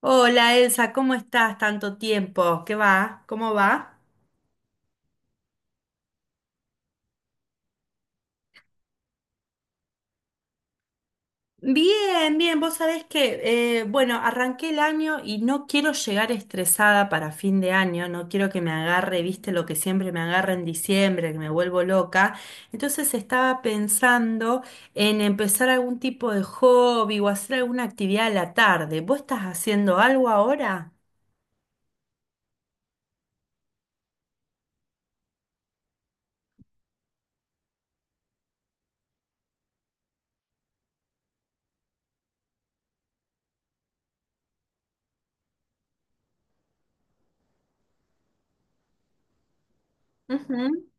Hola Elsa, ¿cómo estás? Tanto tiempo. ¿Qué va? ¿Cómo va? Bien, bien. Vos sabés que, bueno, arranqué el año y no quiero llegar estresada para fin de año, no quiero que me agarre, viste, lo que siempre me agarra en diciembre, que me vuelvo loca. Entonces estaba pensando en empezar algún tipo de hobby o hacer alguna actividad a la tarde. ¿Vos estás haciendo algo ahora? Ujú.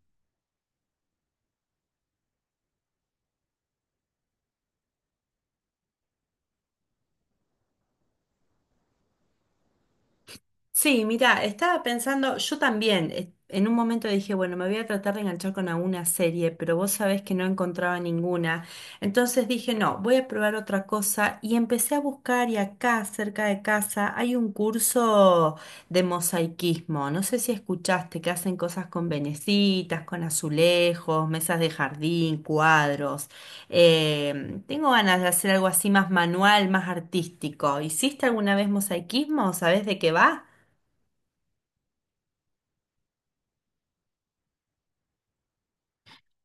Sí, mira, estaba pensando, yo también, en un momento dije, bueno, me voy a tratar de enganchar con alguna serie, pero vos sabés que no encontraba ninguna. Entonces dije, no, voy a probar otra cosa y empecé a buscar y acá, cerca de casa, hay un curso de mosaiquismo. No sé si escuchaste que hacen cosas con venecitas, con azulejos, mesas de jardín, cuadros. Tengo ganas de hacer algo así más manual, más artístico. ¿Hiciste alguna vez mosaiquismo? ¿Sabés de qué va?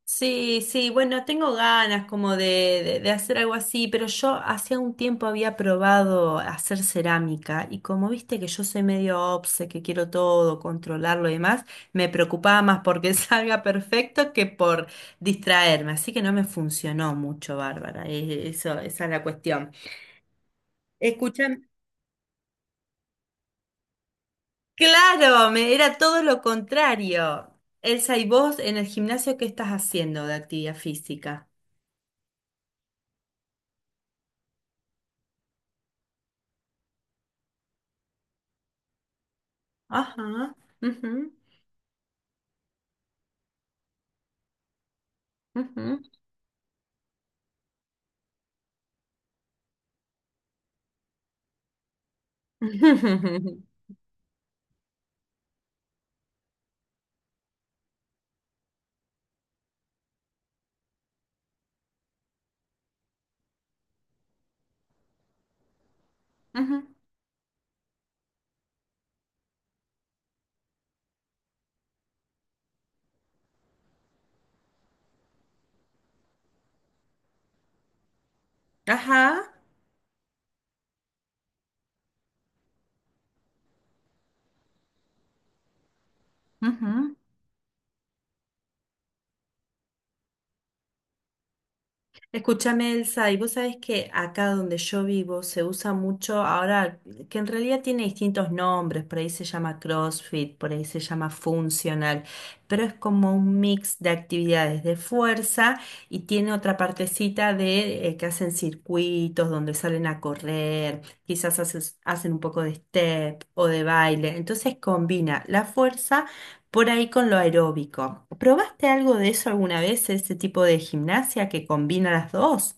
Sí, sí, bueno, tengo ganas como de, de hacer algo así, pero yo hacía un tiempo había probado hacer cerámica y como viste que yo soy medio obse, que quiero todo, controlarlo y demás, me preocupaba más porque salga perfecto que por distraerme, así que no me funcionó mucho, Bárbara, eso, esa es la cuestión. Escuchame, claro, me, era todo lo contrario. Elsa, ¿y vos en el gimnasio qué estás haciendo de actividad física? Ajá. Ujú. Ujú. Ujú. Ajá. Ujú. Escúchame, Elsa, y vos sabés que acá donde yo vivo se usa mucho ahora, que en realidad tiene distintos nombres, por ahí se llama CrossFit, por ahí se llama funcional, pero es como un mix de actividades de fuerza y tiene otra partecita de que hacen circuitos donde salen a correr, quizás hacen un poco de step o de baile, entonces combina la fuerza por ahí con lo aeróbico. ¿Probaste algo de eso alguna vez, ese tipo de gimnasia que combina las dos?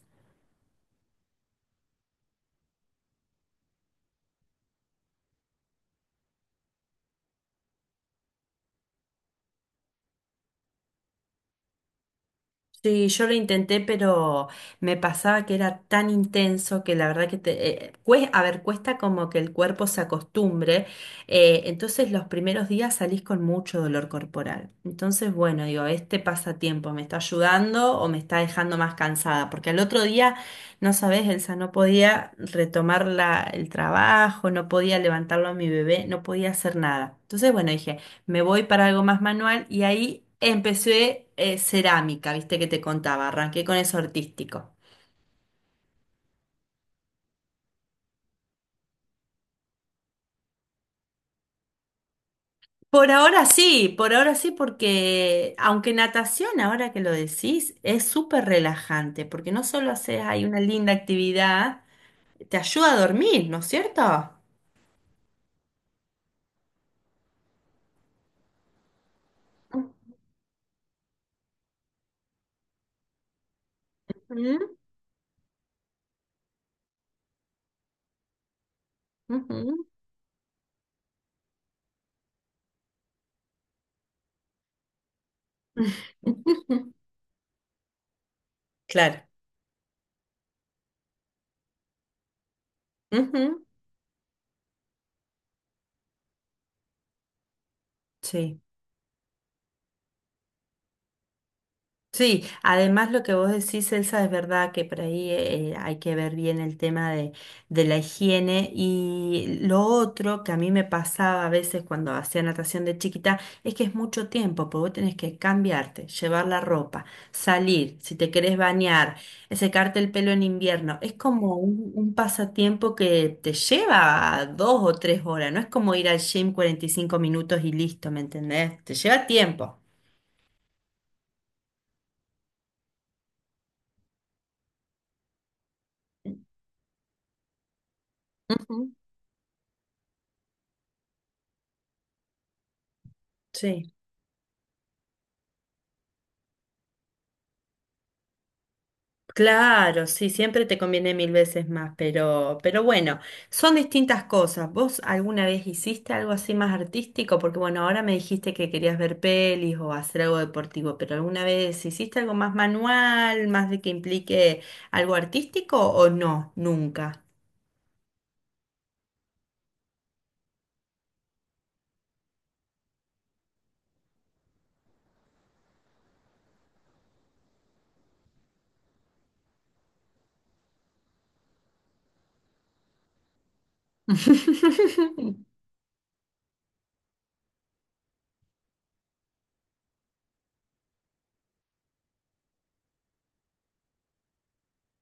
Sí, yo lo intenté, pero me pasaba que era tan intenso que la verdad que te, a ver, cuesta como que el cuerpo se acostumbre. Entonces los primeros días salís con mucho dolor corporal. Entonces, bueno, digo, este pasatiempo me está ayudando o me está dejando más cansada, porque al otro día, no sabés, Elsa, no podía retomar el trabajo, no podía levantarlo a mi bebé, no podía hacer nada. Entonces, bueno, dije me voy para algo más manual y ahí empecé cerámica, viste que te contaba, arranqué con eso artístico. Por ahora sí, porque aunque natación, ahora que lo decís, es súper relajante, porque no solo haces ahí una linda actividad, te ayuda a dormir, ¿no es cierto? Ujú, ujú. Claro. Ujú, sí. Sí, además lo que vos decís, Elsa, es verdad que por ahí hay que ver bien el tema de la higiene y lo otro que a mí me pasaba a veces cuando hacía natación de chiquita es que es mucho tiempo, porque vos tenés que cambiarte, llevar la ropa, salir, si te querés bañar, secarte el pelo en invierno, es como un pasatiempo que te lleva 2 o 3 horas, no es como ir al gym 45 minutos y listo, ¿me entendés? Te lleva tiempo. Ujú. Sí. Claro, sí, siempre te conviene mil veces más, pero bueno, son distintas cosas. ¿Vos alguna vez hiciste algo así más artístico? Porque bueno, ahora me dijiste que querías ver pelis o hacer algo deportivo, pero ¿alguna vez hiciste algo más manual, más de que implique algo artístico o no? Nunca.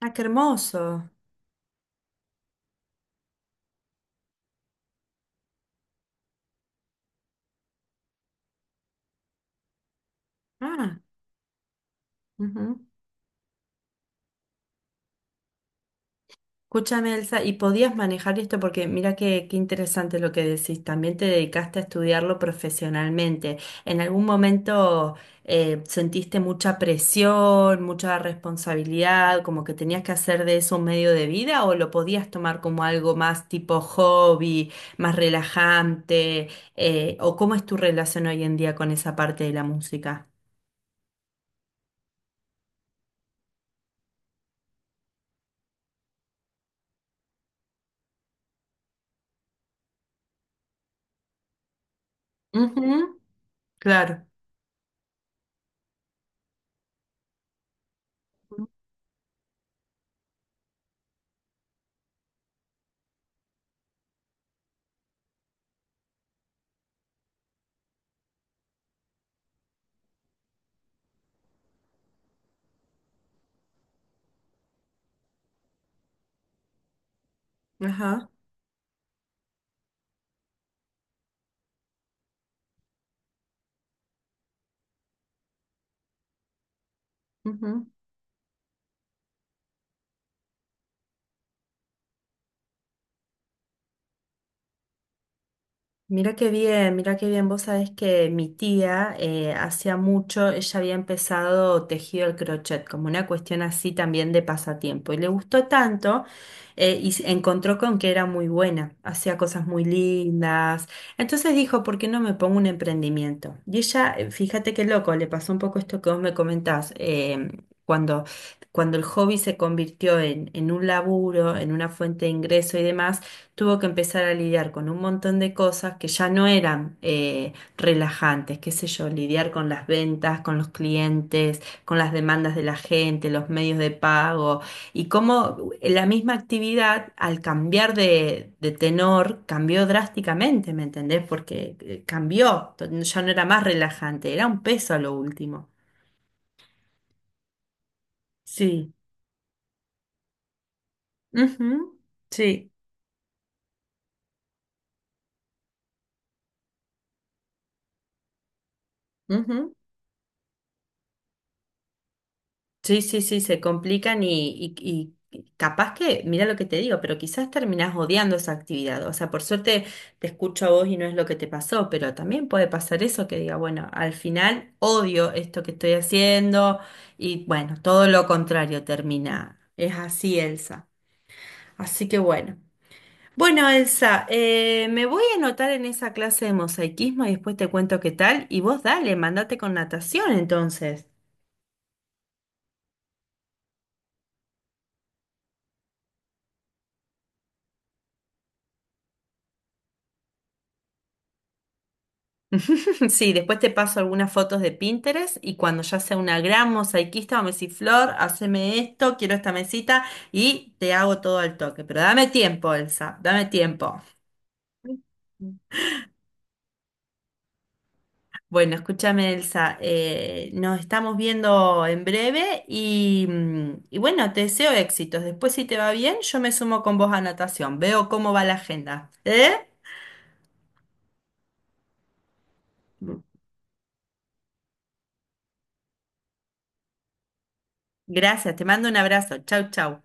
Ah, qué hermoso. Ah, ujú. Escúchame, Elsa, ¿y podías manejar esto? Porque mira qué, qué interesante lo que decís. También te dedicaste a estudiarlo profesionalmente. ¿En algún momento sentiste mucha presión, mucha responsabilidad, como que tenías que hacer de eso un medio de vida o lo podías tomar como algo más tipo hobby, más relajante? ¿O cómo es tu relación hoy en día con esa parte de la música? Ujú, claro. Ajá. Ujú. Mira qué bien, mira qué bien. Vos sabés que mi tía hacía mucho, ella había empezado tejido el crochet como una cuestión así también de pasatiempo y le gustó tanto y se encontró con que era muy buena, hacía cosas muy lindas. Entonces dijo, ¿por qué no me pongo un emprendimiento? Y ella, fíjate qué loco, le pasó un poco esto que vos me comentás. Cuando, Cuando el hobby se convirtió en un laburo, en una fuente de ingreso y demás, tuvo que empezar a lidiar con un montón de cosas que ya no eran relajantes, qué sé yo, lidiar con las ventas, con los clientes, con las demandas de la gente, los medios de pago, y cómo la misma actividad al cambiar de tenor cambió drásticamente, ¿me entendés? Porque cambió, ya no era más relajante, era un peso a lo último. Sí. Ujú. Sí. Ujú. Sí, sí, sí, se complican y capaz que, mira lo que te digo, pero quizás terminás odiando esa actividad. O sea, por suerte te escucho a vos y no es lo que te pasó, pero también puede pasar eso que diga, bueno, al final odio esto que estoy haciendo y bueno, todo lo contrario termina. Es así, Elsa. Así que bueno. Bueno, Elsa, me voy a anotar en esa clase de mosaicismo y después te cuento qué tal. Y vos dale, mandate con natación entonces. Sí, después te paso algunas fotos de Pinterest y cuando ya sea una gran mosaiquista o flor, haceme esto, quiero esta mesita y te hago todo al toque. Pero dame tiempo, Elsa, dame tiempo. Bueno, escúchame, Elsa, nos estamos viendo en breve y y bueno, te deseo éxitos. Después, si te va bien, yo me sumo con vos a natación. Veo cómo va la agenda. ¿Eh? Gracias, te mando un abrazo. Chau, chau.